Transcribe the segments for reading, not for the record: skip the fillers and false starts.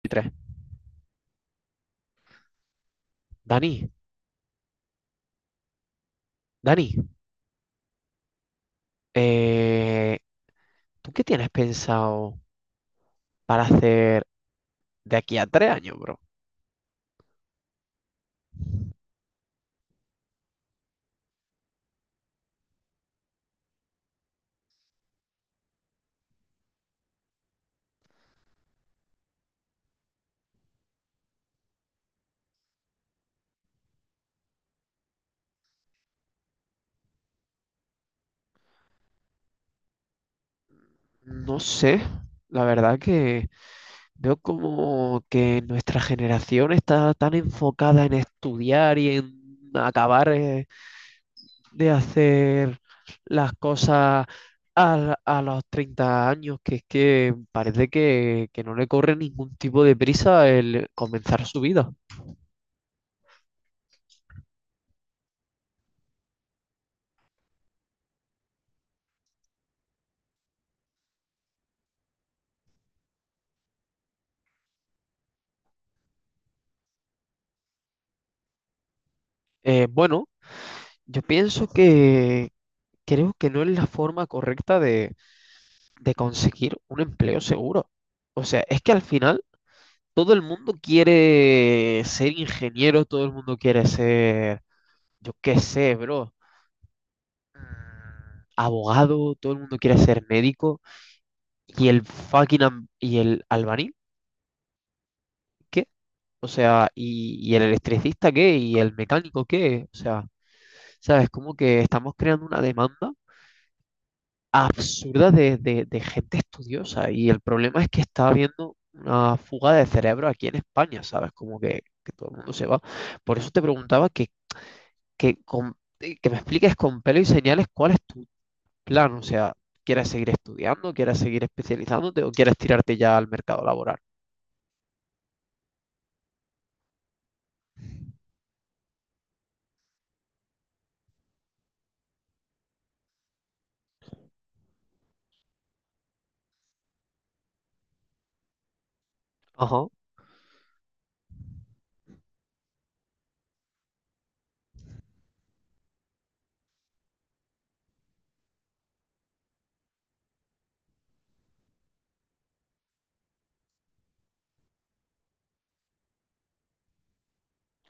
23. Dani, Dani, eh, ¿tú qué tienes pensado para hacer de aquí a 3 años, bro? No sé, la verdad que veo como que nuestra generación está tan enfocada en estudiar y en acabar de hacer las cosas a los 30 años, que es que parece que no le corre ningún tipo de prisa el comenzar su vida. Bueno, Yo pienso que creo que no es la forma correcta de conseguir un empleo seguro. O sea, es que al final todo el mundo quiere ser ingeniero, todo el mundo quiere ser, yo qué sé, bro, mm, abogado, todo el mundo quiere ser médico. ¿Y el fucking y el albañil qué? O sea, y el electricista qué? ¿Y el mecánico qué? O sea, ¿sabes? Como que estamos creando una demanda absurda de gente estudiosa. Y el problema es que está habiendo una fuga de cerebro aquí en España, ¿sabes? Como que todo el mundo se va. Por eso te preguntaba que me expliques con pelo y señales cuál es tu plan. O sea, ¿quieres seguir estudiando? ¿Quieres seguir especializándote? ¿O quieres tirarte ya al mercado laboral? Ajá,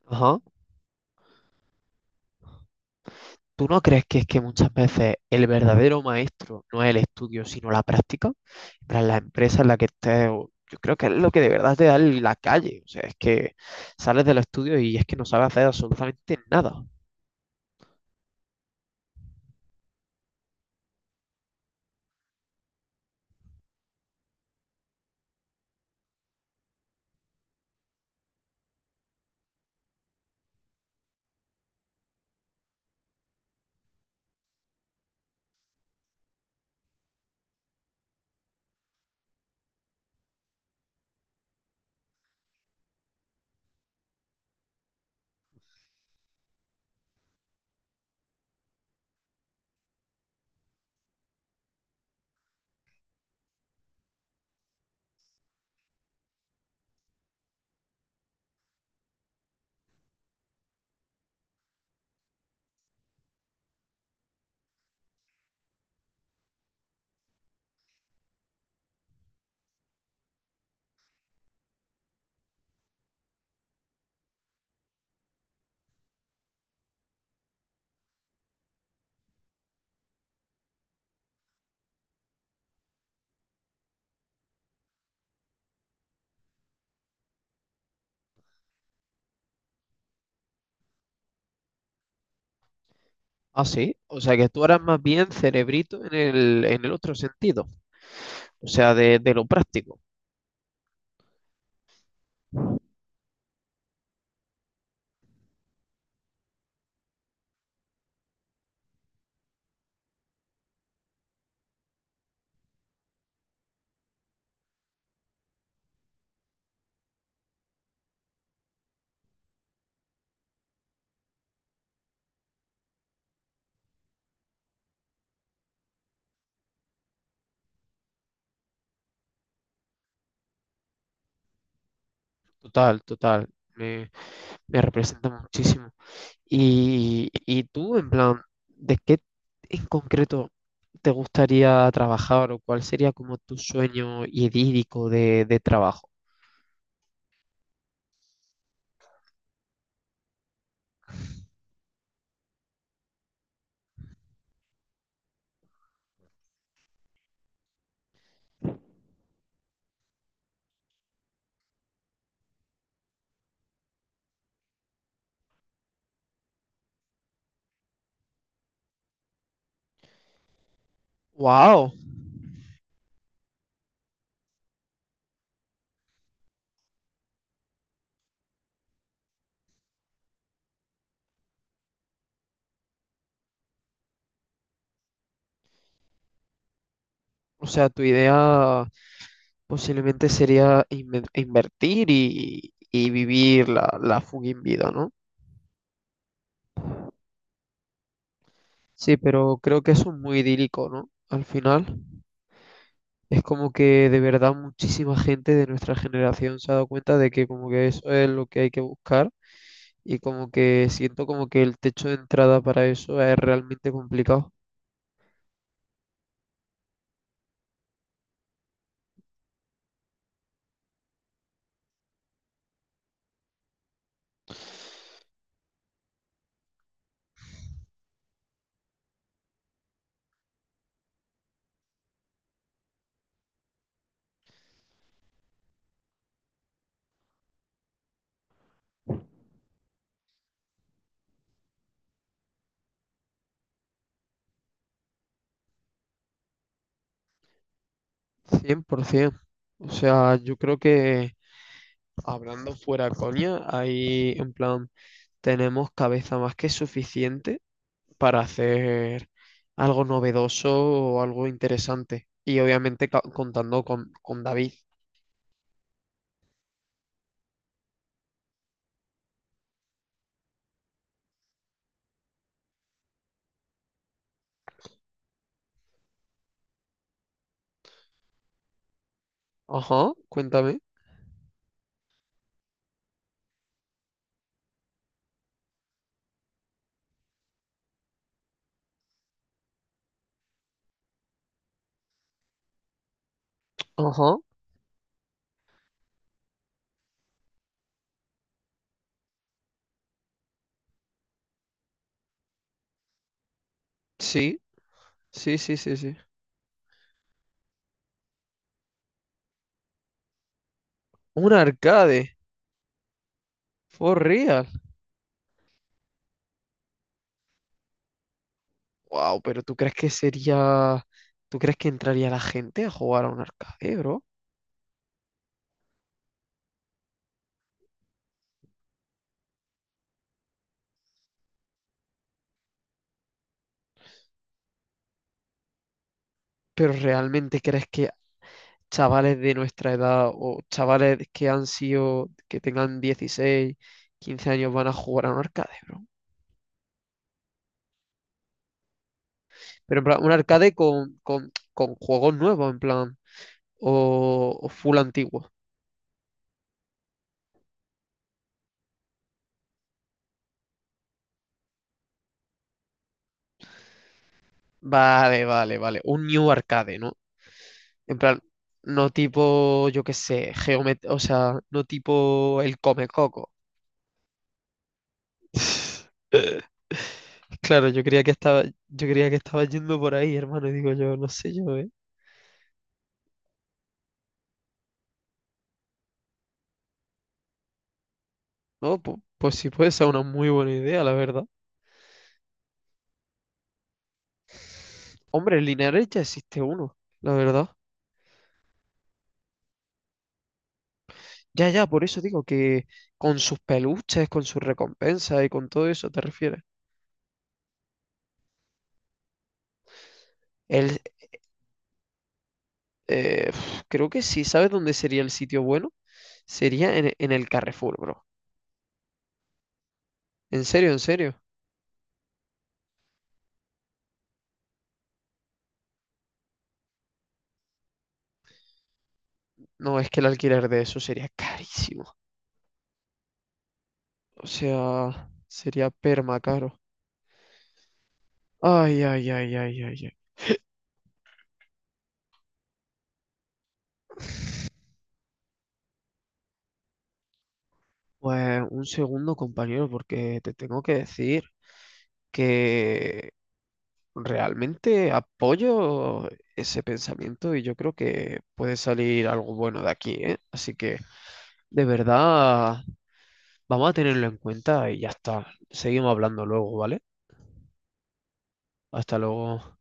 ajá. ¿Tú no crees que es que muchas veces el verdadero maestro no es el estudio, sino la práctica? Para la empresa en la que estés, yo creo que es lo que de verdad te da la calle. O sea, es que sales de los estudios y es que no sabes hacer absolutamente nada. Ah, sí. O sea, que tú eras más bien cerebrito en el otro sentido. O sea, de lo práctico. Total, total. Me, me representa muchísimo. Y tú, en plan, ¿de qué en concreto te gustaría trabajar o cuál sería como tu sueño idílico de trabajo? ¡Wow! O sea, tu idea posiblemente sería invertir y vivir la fucking vida, ¿no? Sí, pero creo que eso es muy idílico, ¿no? Al final, es como que de verdad muchísima gente de nuestra generación se ha dado cuenta de que como que eso es lo que hay que buscar y como que siento como que el techo de entrada para eso es realmente complicado. 100%. O sea, yo creo que hablando fuera coña, ahí en plan tenemos cabeza más que suficiente para hacer algo novedoso o algo interesante. Y obviamente contando con David. Ajá, cuéntame. Ajá, sí, sí, sí, sí, sí. Un arcade, for real. Wow, pero ¿tú crees que sería... ¿Tú crees que entraría la gente a jugar a un arcade, bro? ¿Pero realmente crees que chavales de nuestra edad o chavales que han sido, que tengan 16 15 años van a jugar a un arcade, bro? Pero en plan, un arcade con juegos nuevos, en plan, o full antiguo. Vale, vale, vale. Un new arcade, ¿no? En plan, no tipo, yo qué sé, Geomet, o sea, no tipo el Come Coco. Claro, yo creía que estaba yendo por ahí, hermano, y digo yo, no sé yo, ¿eh? No, pues sí puede ser una muy buena idea, la verdad. Hombre, en Linares ya existe uno, la verdad. Ya, ya, por eso digo que con sus peluches, con sus recompensas y con todo eso te refieres. El, Uf, creo que sí, ¿sabes dónde sería el sitio bueno? Sería en el Carrefour, bro. En serio, en serio. No, es que el alquiler de eso sería carísimo. O sea, sería perma caro. Ay, ay, ay, ay, ay, ay. Pues un segundo, compañero, porque te tengo que decir que realmente apoyo ese pensamiento y yo creo que puede salir algo bueno de aquí, ¿eh? Así que de verdad vamos a tenerlo en cuenta y ya está. Seguimos hablando luego, ¿vale? Hasta luego.